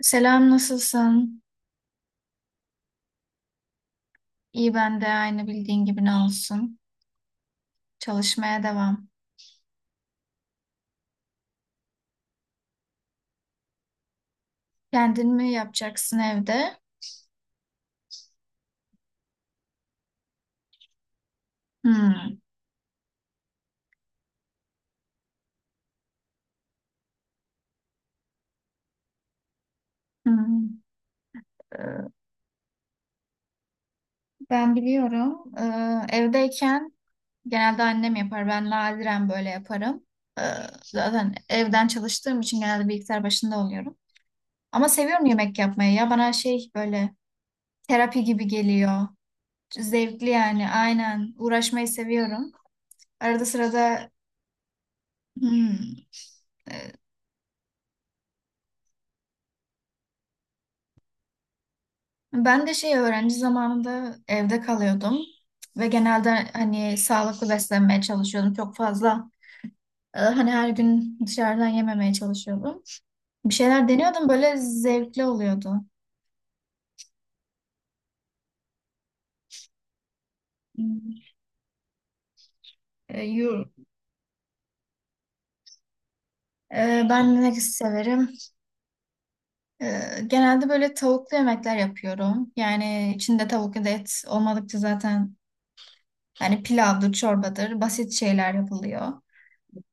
Selam, nasılsın? İyi ben de aynı bildiğin gibi ne olsun. Çalışmaya devam. Kendin mi yapacaksın evde? Hmm. Hmm. Ee, Ben biliyorum. Evdeyken genelde annem yapar. Ben nadiren böyle yaparım. Ee, zaten evden çalıştığım için genelde bilgisayar başında oluyorum. Ama seviyorum yemek yapmayı. Ya bana şey böyle terapi gibi geliyor. Zevkli yani aynen. Uğraşmayı seviyorum. Arada sırada. hmm, e, Ben de şey öğrenci zamanında evde kalıyordum ve genelde hani sağlıklı beslenmeye çalışıyordum. Çok fazla hani her gün dışarıdan yememeye çalışıyordum. Bir şeyler deniyordum, böyle zevkli oluyordu. Hmm. E, yu- ben ne severim? E, genelde böyle tavuklu yemekler yapıyorum. Yani içinde tavuk ya da et olmadıkça zaten hani pilavdır, çorbadır, basit şeyler yapılıyor.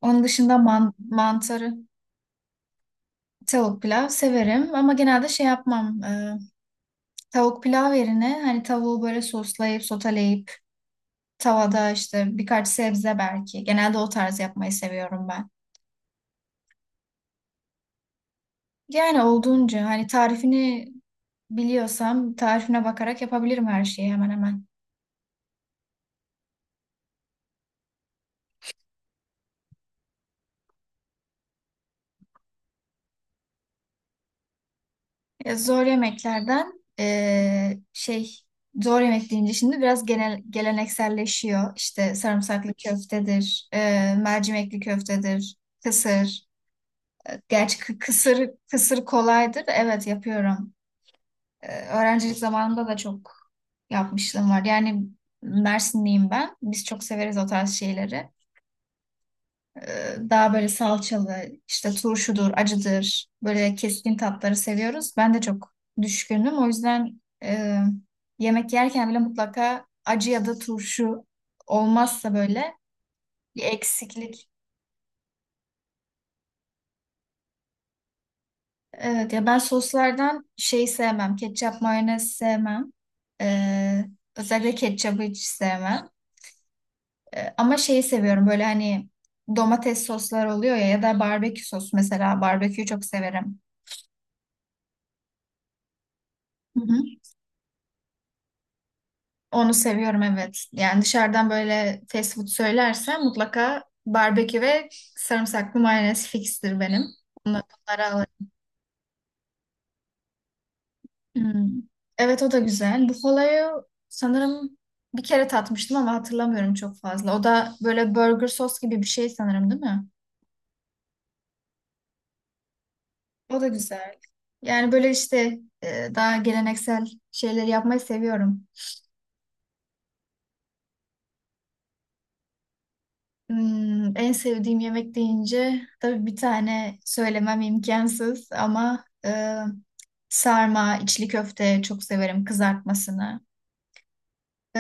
Onun dışında man mantarı. Tavuk pilav severim ama genelde şey yapmam. Tavuk pilav yerine hani tavuğu böyle soslayıp soteleyip tavada işte birkaç sebze belki. Genelde o tarz yapmayı seviyorum ben. Yani olduğunca hani tarifini biliyorsam tarifine bakarak yapabilirim her şeyi hemen hemen. Zor yemeklerden zor yemek deyince şimdi biraz genel gelenekselleşiyor. İşte sarımsaklı köftedir, mercimekli köftedir, kısır. Gerçi kısır kolaydır. Evet, yapıyorum. Öğrencilik zamanımda da çok yapmışlığım var. Yani Mersinliyim ben. Biz çok severiz o tarz şeyleri. Daha böyle salçalı, işte turşudur, acıdır. Böyle keskin tatları seviyoruz. Ben de çok düşkünüm. O yüzden yemek yerken bile mutlaka acı ya da turşu olmazsa böyle bir eksiklik. Evet ya, ben soslardan şeyi sevmem. Ketçap, mayonez sevmem. Ee, özellikle ketçabı hiç sevmem. Ama şeyi seviyorum, böyle hani domates soslar oluyor ya ya da barbekü sos mesela. Barbeküyü çok severim. Hı hı. Onu seviyorum, evet. Yani dışarıdan böyle fast food söylersem mutlaka barbekü ve sarımsaklı mayonez fikstir benim. Bunlar- Bunlara Hmm. Evet, o da güzel. Buffalo'yu sanırım bir kere tatmıştım ama hatırlamıyorum çok fazla. O da böyle burger sos gibi bir şey sanırım, değil mi? O da güzel. Yani böyle işte daha geleneksel şeyleri yapmayı seviyorum. En sevdiğim yemek deyince tabii bir tane söylemem imkansız ama sarma, içli köfte çok severim kızartmasını. E,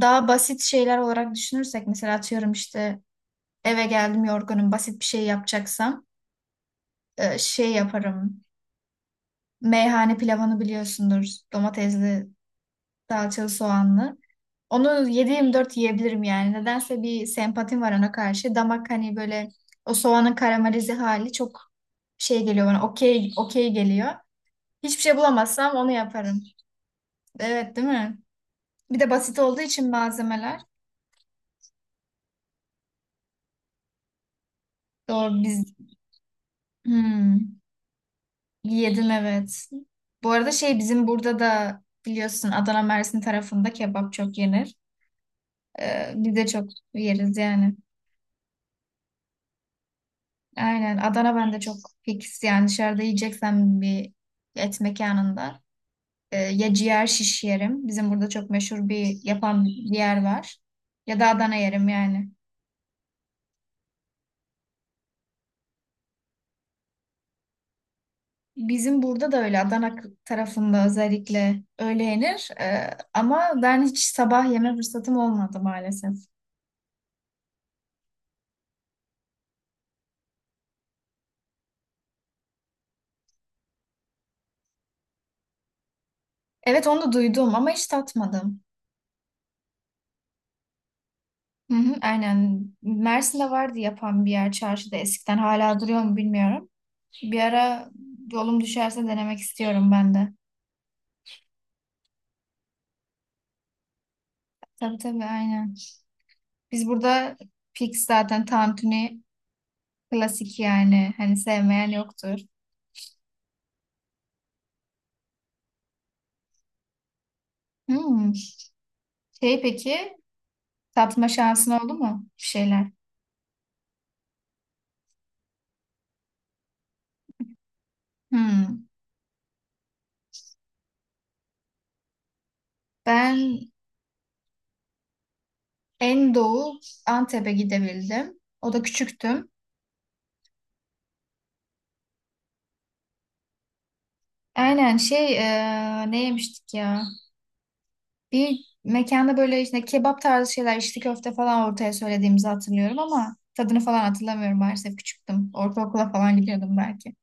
daha basit şeyler olarak düşünürsek, mesela atıyorum işte eve geldim yorgunum. Basit bir şey yapacaksam şey yaparım. Meyhane pilavını biliyorsundur. Domatesli, salçalı, soğanlı. Onu 7-24 yiyebilirim yani. Nedense bir sempatim var ona karşı. Damak hani böyle o soğanın karamelize hali çok şey geliyor bana. Okey, okey geliyor. Hiçbir şey bulamazsam onu yaparım. Evet, değil mi? Bir de basit olduğu için malzemeler. Doğru biz. Hmm. Yedim, evet. Bu arada şey bizim burada da biliyorsun Adana Mersin tarafında kebap çok yenir. Biz de çok yeriz yani. Aynen Adana, ben de çok fix yani dışarıda yiyeceksem bir et mekanında ya ciğer şiş yerim. Bizim burada çok meşhur bir yapan bir yer var. Ya da Adana yerim yani. Bizim burada da öyle Adana k- tarafında özellikle öyle yenir. Ama ben hiç sabah yeme fırsatım olmadı maalesef. Evet, onu da duydum ama hiç tatmadım. Hı hı, aynen. Mersin'de vardı yapan bir yer çarşıda eskiden. Hala duruyor mu bilmiyorum. Bir ara yolum düşerse denemek istiyorum ben de. Tabii tabii, aynen. Biz burada fix zaten tantuni klasik yani. Hani sevmeyen yoktur. Hmm. Peki, tatma şansın oldu mu bir şeyler? Hmm. Ben en doğu Antep'e gidebildim. O da küçüktüm. Aynen şey ne yemiştik ya? Bir mekanda böyle işte kebap tarzı şeyler, içli köfte falan ortaya söylediğimizi hatırlıyorum ama tadını falan hatırlamıyorum maalesef, küçüktüm. Ortaokula falan gidiyordum belki.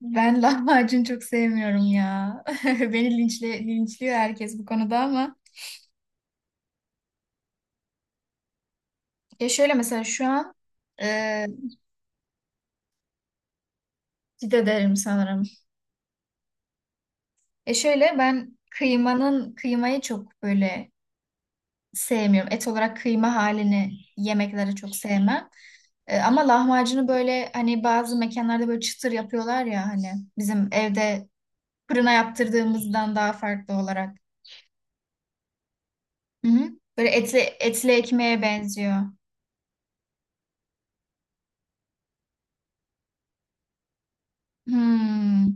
Ben lahmacun çok sevmiyorum ya. Beni linçliyor herkes bu konuda ama. Ya şöyle mesela şu an e, ciddi ederim sanırım. Şöyle ben kıymayı çok böyle sevmiyorum. Et olarak kıyma halini yemeklere çok sevmem. Ama lahmacunu böyle hani bazı mekanlarda böyle çıtır yapıyorlar ya hani bizim evde fırına yaptırdığımızdan daha farklı olarak. Hı hı. Böyle etli etli ekmeğe benziyor. Hmm.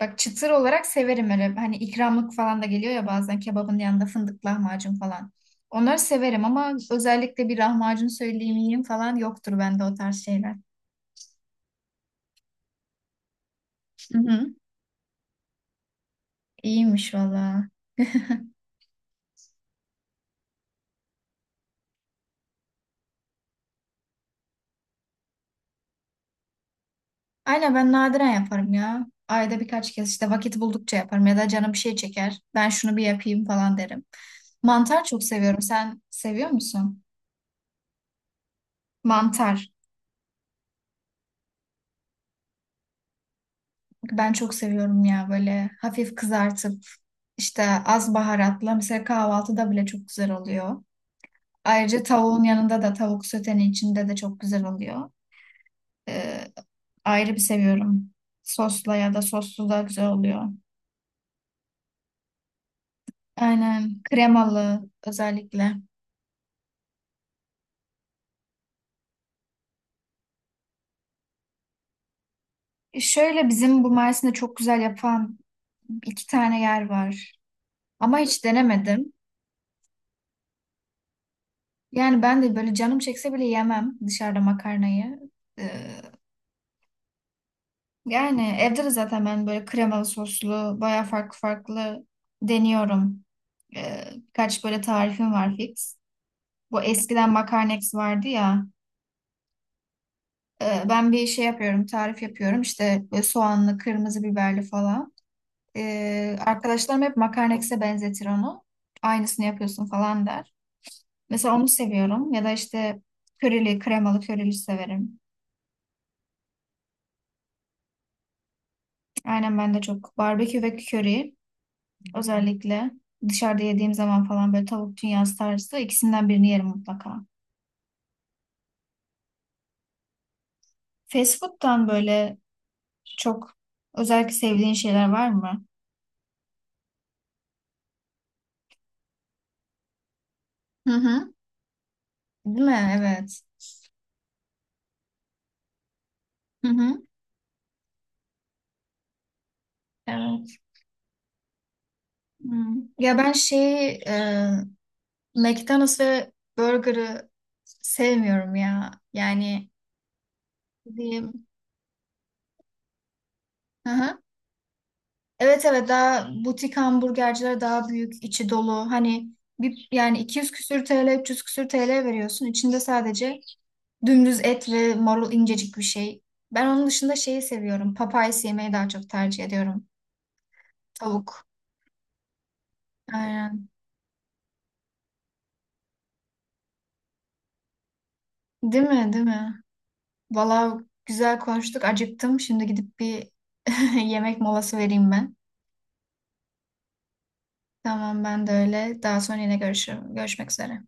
Bak, çıtır olarak severim öyle. Hani ikramlık falan da geliyor ya bazen kebabın yanında fındık lahmacun falan. Onları severim ama özellikle bir lahmacun söyleyeyim yiyeyim falan yoktur bende o tarz şeyler. Hı hı. İyiymiş valla. Aynen, ben nadiren yaparım ya. Ayda birkaç kez işte vakit buldukça yaparım ya da canım bir şey çeker. Ben şunu bir yapayım falan derim. Mantar çok seviyorum. Sen seviyor musun? Mantar. Ben çok seviyorum ya, böyle hafif kızartıp işte az baharatla mesela kahvaltıda bile çok güzel oluyor. Ayrıca tavuğun yanında da tavuk sötenin içinde de çok güzel oluyor. Ee, ayrı bir seviyorum. Sosla ya da sossuz da güzel oluyor. Aynen, kremalı özellikle. Şöyle bizim bu Mersin'de çok güzel yapan iki tane yer var. Ama hiç denemedim. Yani ben de böyle canım çekse bile yemem dışarıda makarnayı. Ee, yani evde de zaten ben böyle kremalı soslu baya farklı farklı deniyorum. Birkaç böyle tarifim var fix. Bu eskiden Makarnex vardı ya. Ben bir şey yapıyorum, tarif yapıyorum. İşte böyle soğanlı, kırmızı biberli falan. Arkadaşlarım hep Makarnex'e benzetir onu. Aynısını yapıyorsun falan der. Mesela onu seviyorum. Ya da işte körili, kremalı körili severim. Aynen, ben de çok. Barbekü ve köri özellikle dışarıda yediğim zaman falan böyle tavuk dünyası tarzı ikisinden birini yerim mutlaka. Fast food'tan böyle çok özellikle sevdiğin şeyler var mı? Hı hı. Değil mi? Evet. Hı hı. Evet. Hmm. Ya ben şeyi McDonald's ve Burger'ı sevmiyorum ya. Yani diyeyim. Hı hı. Evet evet, daha butik hamburgerciler daha büyük, içi dolu. Hani bir yani 200 küsür TL, 300 küsür TL veriyorsun. İçinde sadece dümdüz et ve marul incecik bir şey. Ben onun dışında şeyi seviyorum. Papayas yemeyi daha çok tercih ediyorum. Tavuk. Aynen. Değil mi? Değil mi? Valla, güzel konuştuk. Acıktım. Şimdi gidip bir yemek molası vereyim ben. Tamam, ben de öyle. Daha sonra yine görüşürüm. Görüşmek üzere.